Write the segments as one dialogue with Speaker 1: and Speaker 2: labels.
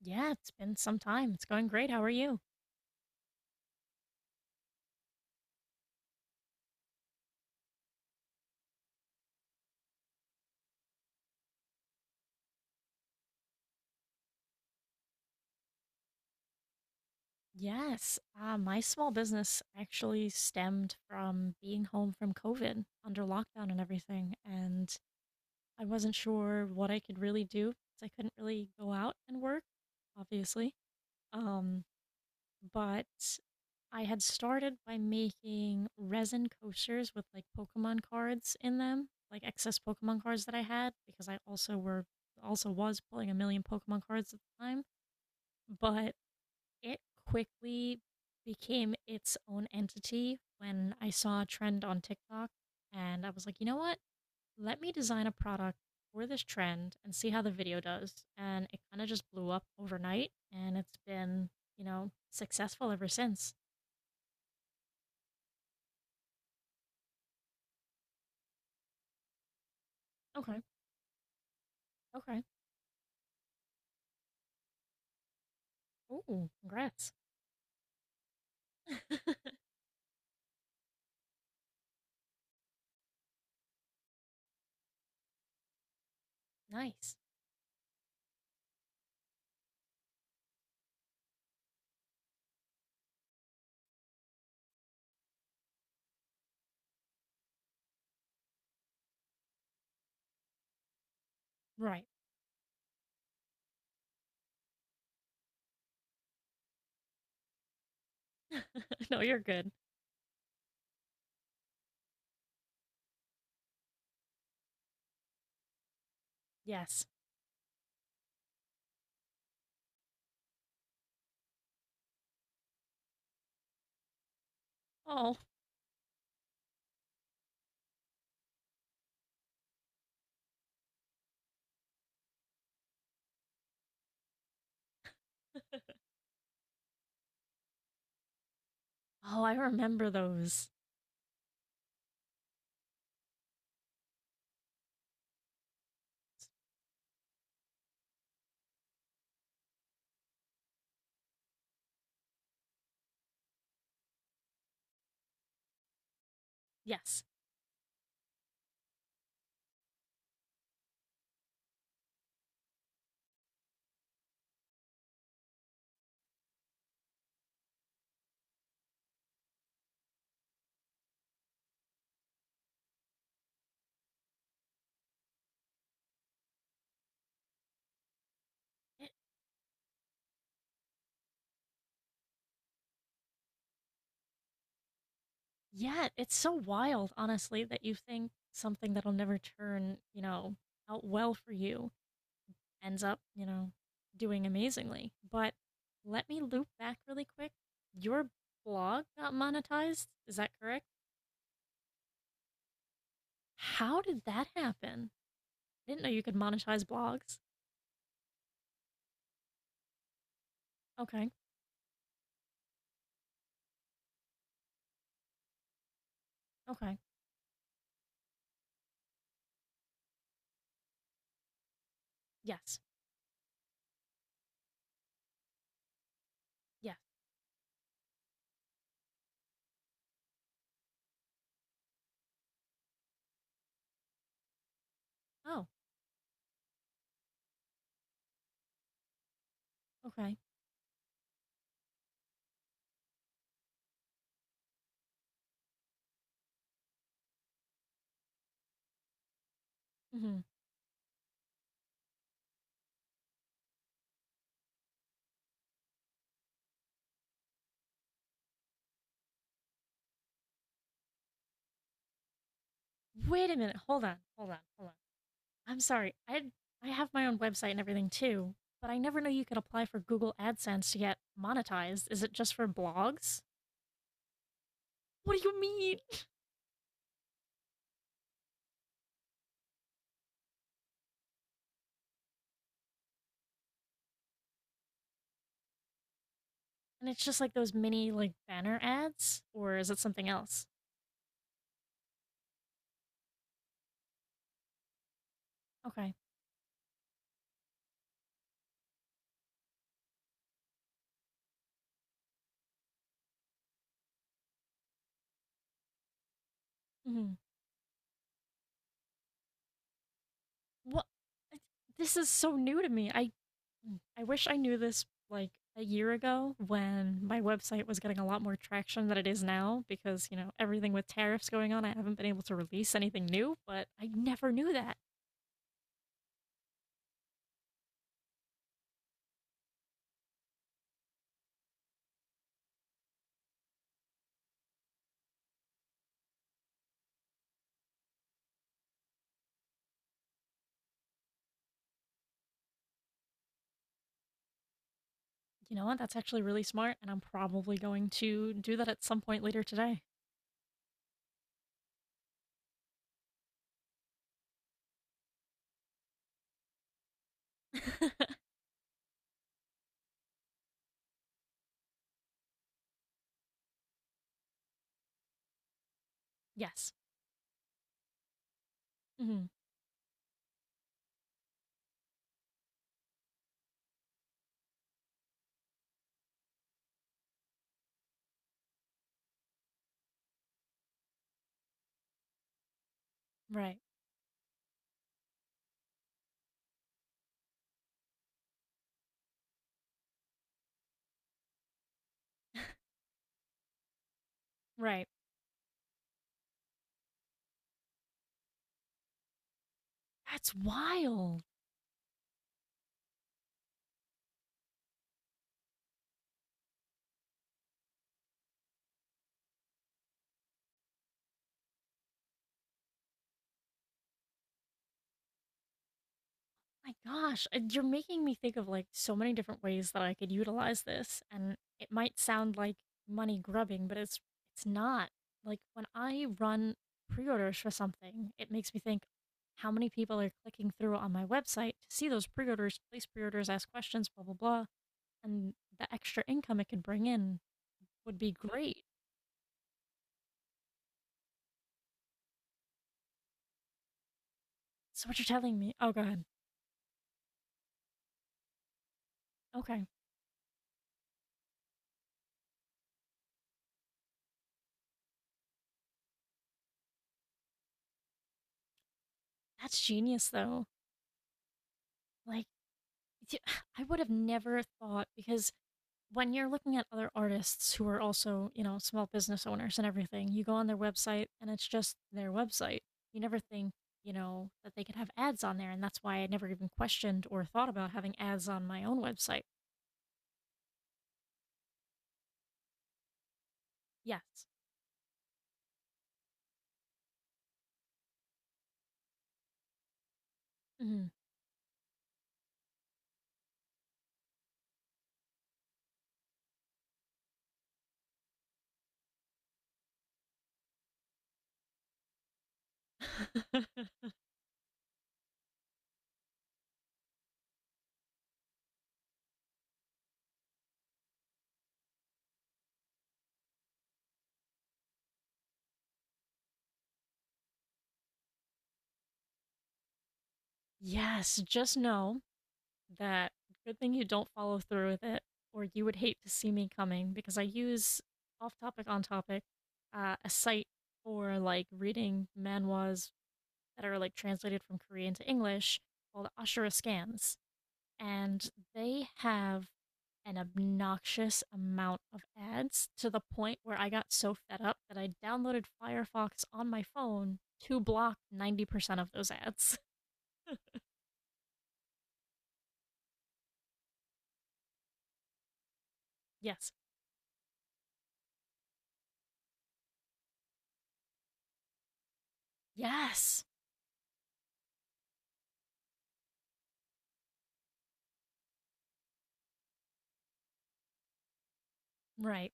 Speaker 1: Yeah, it's been some time. It's going great. How are you? Yes, my small business actually stemmed from being home from COVID under lockdown and everything. And I wasn't sure what I could really do because I couldn't really go out and work, obviously. Um, but I had started by making resin coasters with like Pokemon cards in them, like excess Pokemon cards that I had because I also was pulling a million Pokemon cards at the time. But it quickly became its own entity when I saw a trend on TikTok and I was like, you know what? Let me design a product for this trend and see how the video does. And it kind of just blew up overnight, and it's been successful ever since. Okay. Okay. Ooh, congrats. Nice. Right. No, you're good. Yes. Oh. Oh, I remember those. Yes. Yeah, it's so wild, honestly, that you think something that'll never turn out well for you ends up doing amazingly. But let me loop back really quick. Your blog got monetized, is that correct? How did that happen? I didn't know you could monetize blogs. Okay, okay. Yes, yes. Oh, okay. Hmm. Wait a minute. Hold on, hold on, hold on. I'm sorry. I have my own website and everything too, but I never knew you could apply for Google AdSense to get monetized. Is it just for blogs? What do you mean? And it's just like those mini like banner ads, or is it something else? Okay. Hmm. What? This is so new to me. I wish I knew this like a year ago when my website was getting a lot more traction than it is now, because everything with tariffs going on, I haven't been able to release anything new. But I never knew that. You know what? That's actually really smart, and I'm probably going to do that at some point later today. Yes. Hmm. Right. Right. That's wild. My gosh. You're making me think of like so many different ways that I could utilize this, and it might sound like money grubbing, but it's not. Like when I run pre-orders for something, it makes me think how many people are clicking through on my website to see those pre-orders, place pre-orders, ask questions, blah blah blah, and the extra income it could bring in would be great. So what you're telling me? Oh, go ahead. Okay, that's genius, though. Like, I would have never thought, because when you're looking at other artists who are also small business owners and everything, you go on their website and it's just their website. You never think that they could have ads on there, and that's why I never even questioned or thought about having ads on my own website. Yes. Mhm. Yes. Just know that good thing you don't follow through with it, or you would hate to see me coming, because I use, off topic, on topic, a site for like reading manhwas that are like translated from Korean to English called Ashura Scans, and they have an obnoxious amount of ads to the point where I got so fed up that I downloaded Firefox on my phone to block 90% of those ads. Yes. Yes. Right.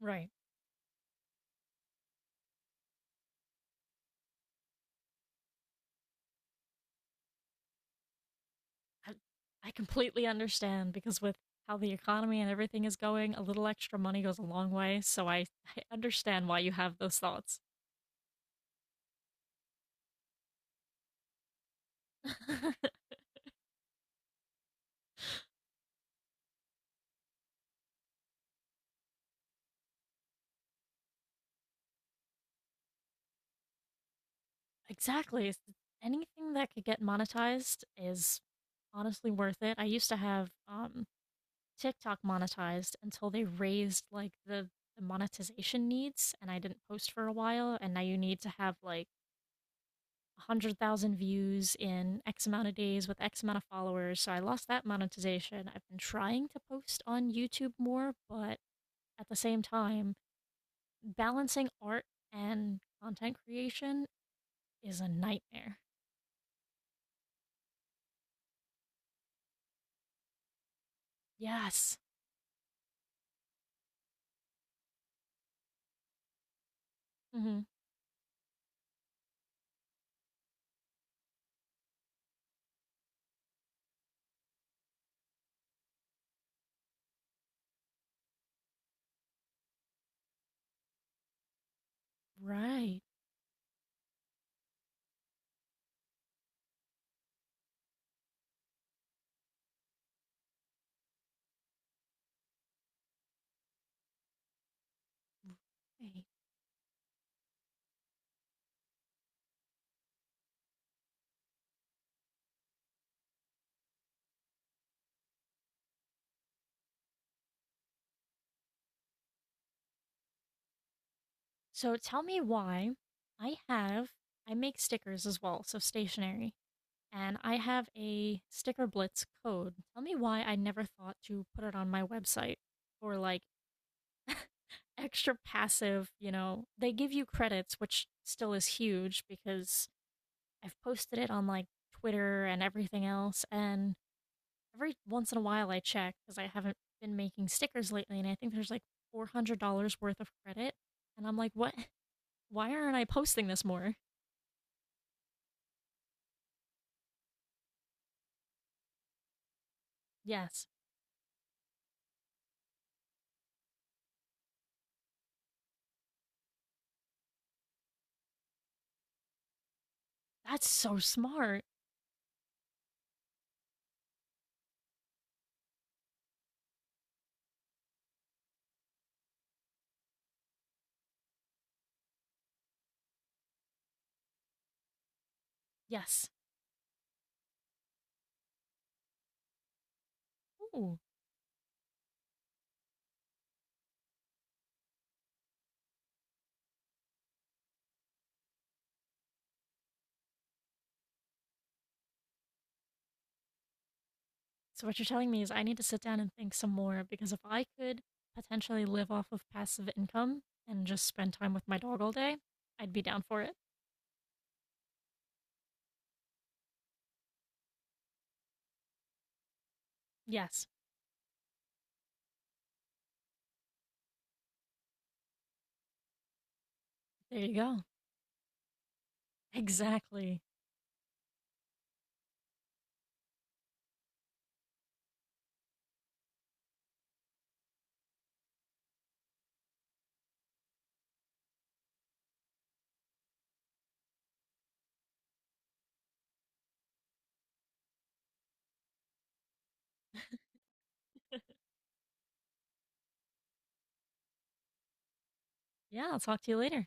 Speaker 1: Right. I, I completely understand, because with how the economy and everything is going, a little extra money goes a long way. So I understand why you have those thoughts. Exactly. Anything that could get monetized is honestly worth it. I used to have TikTok monetized until they raised like the monetization needs, and I didn't post for a while. And now you need to have like 100,000 views in X amount of days with X amount of followers. So I lost that monetization. I've been trying to post on YouTube more, but at the same time, balancing art and content creation is a nightmare. Yes. Hmm. Right. Right. So tell me why I have, I make stickers as well, so stationery, and I have a Sticker Blitz code. Tell me why I never thought to put it on my website, or like extra passive, they give you credits, which still is huge, because I've posted it on like Twitter and everything else. And every once in a while I check because I haven't been making stickers lately. And I think there's like $400 worth of credit. And I'm like, what? Why aren't I posting this more? Yes. That's so smart. Yes. Ooh. So what you're telling me is I need to sit down and think some more, because if I could potentially live off of passive income and just spend time with my dog all day, I'd be down for it. Yes. There you go. Exactly. Yeah, I'll talk to you later.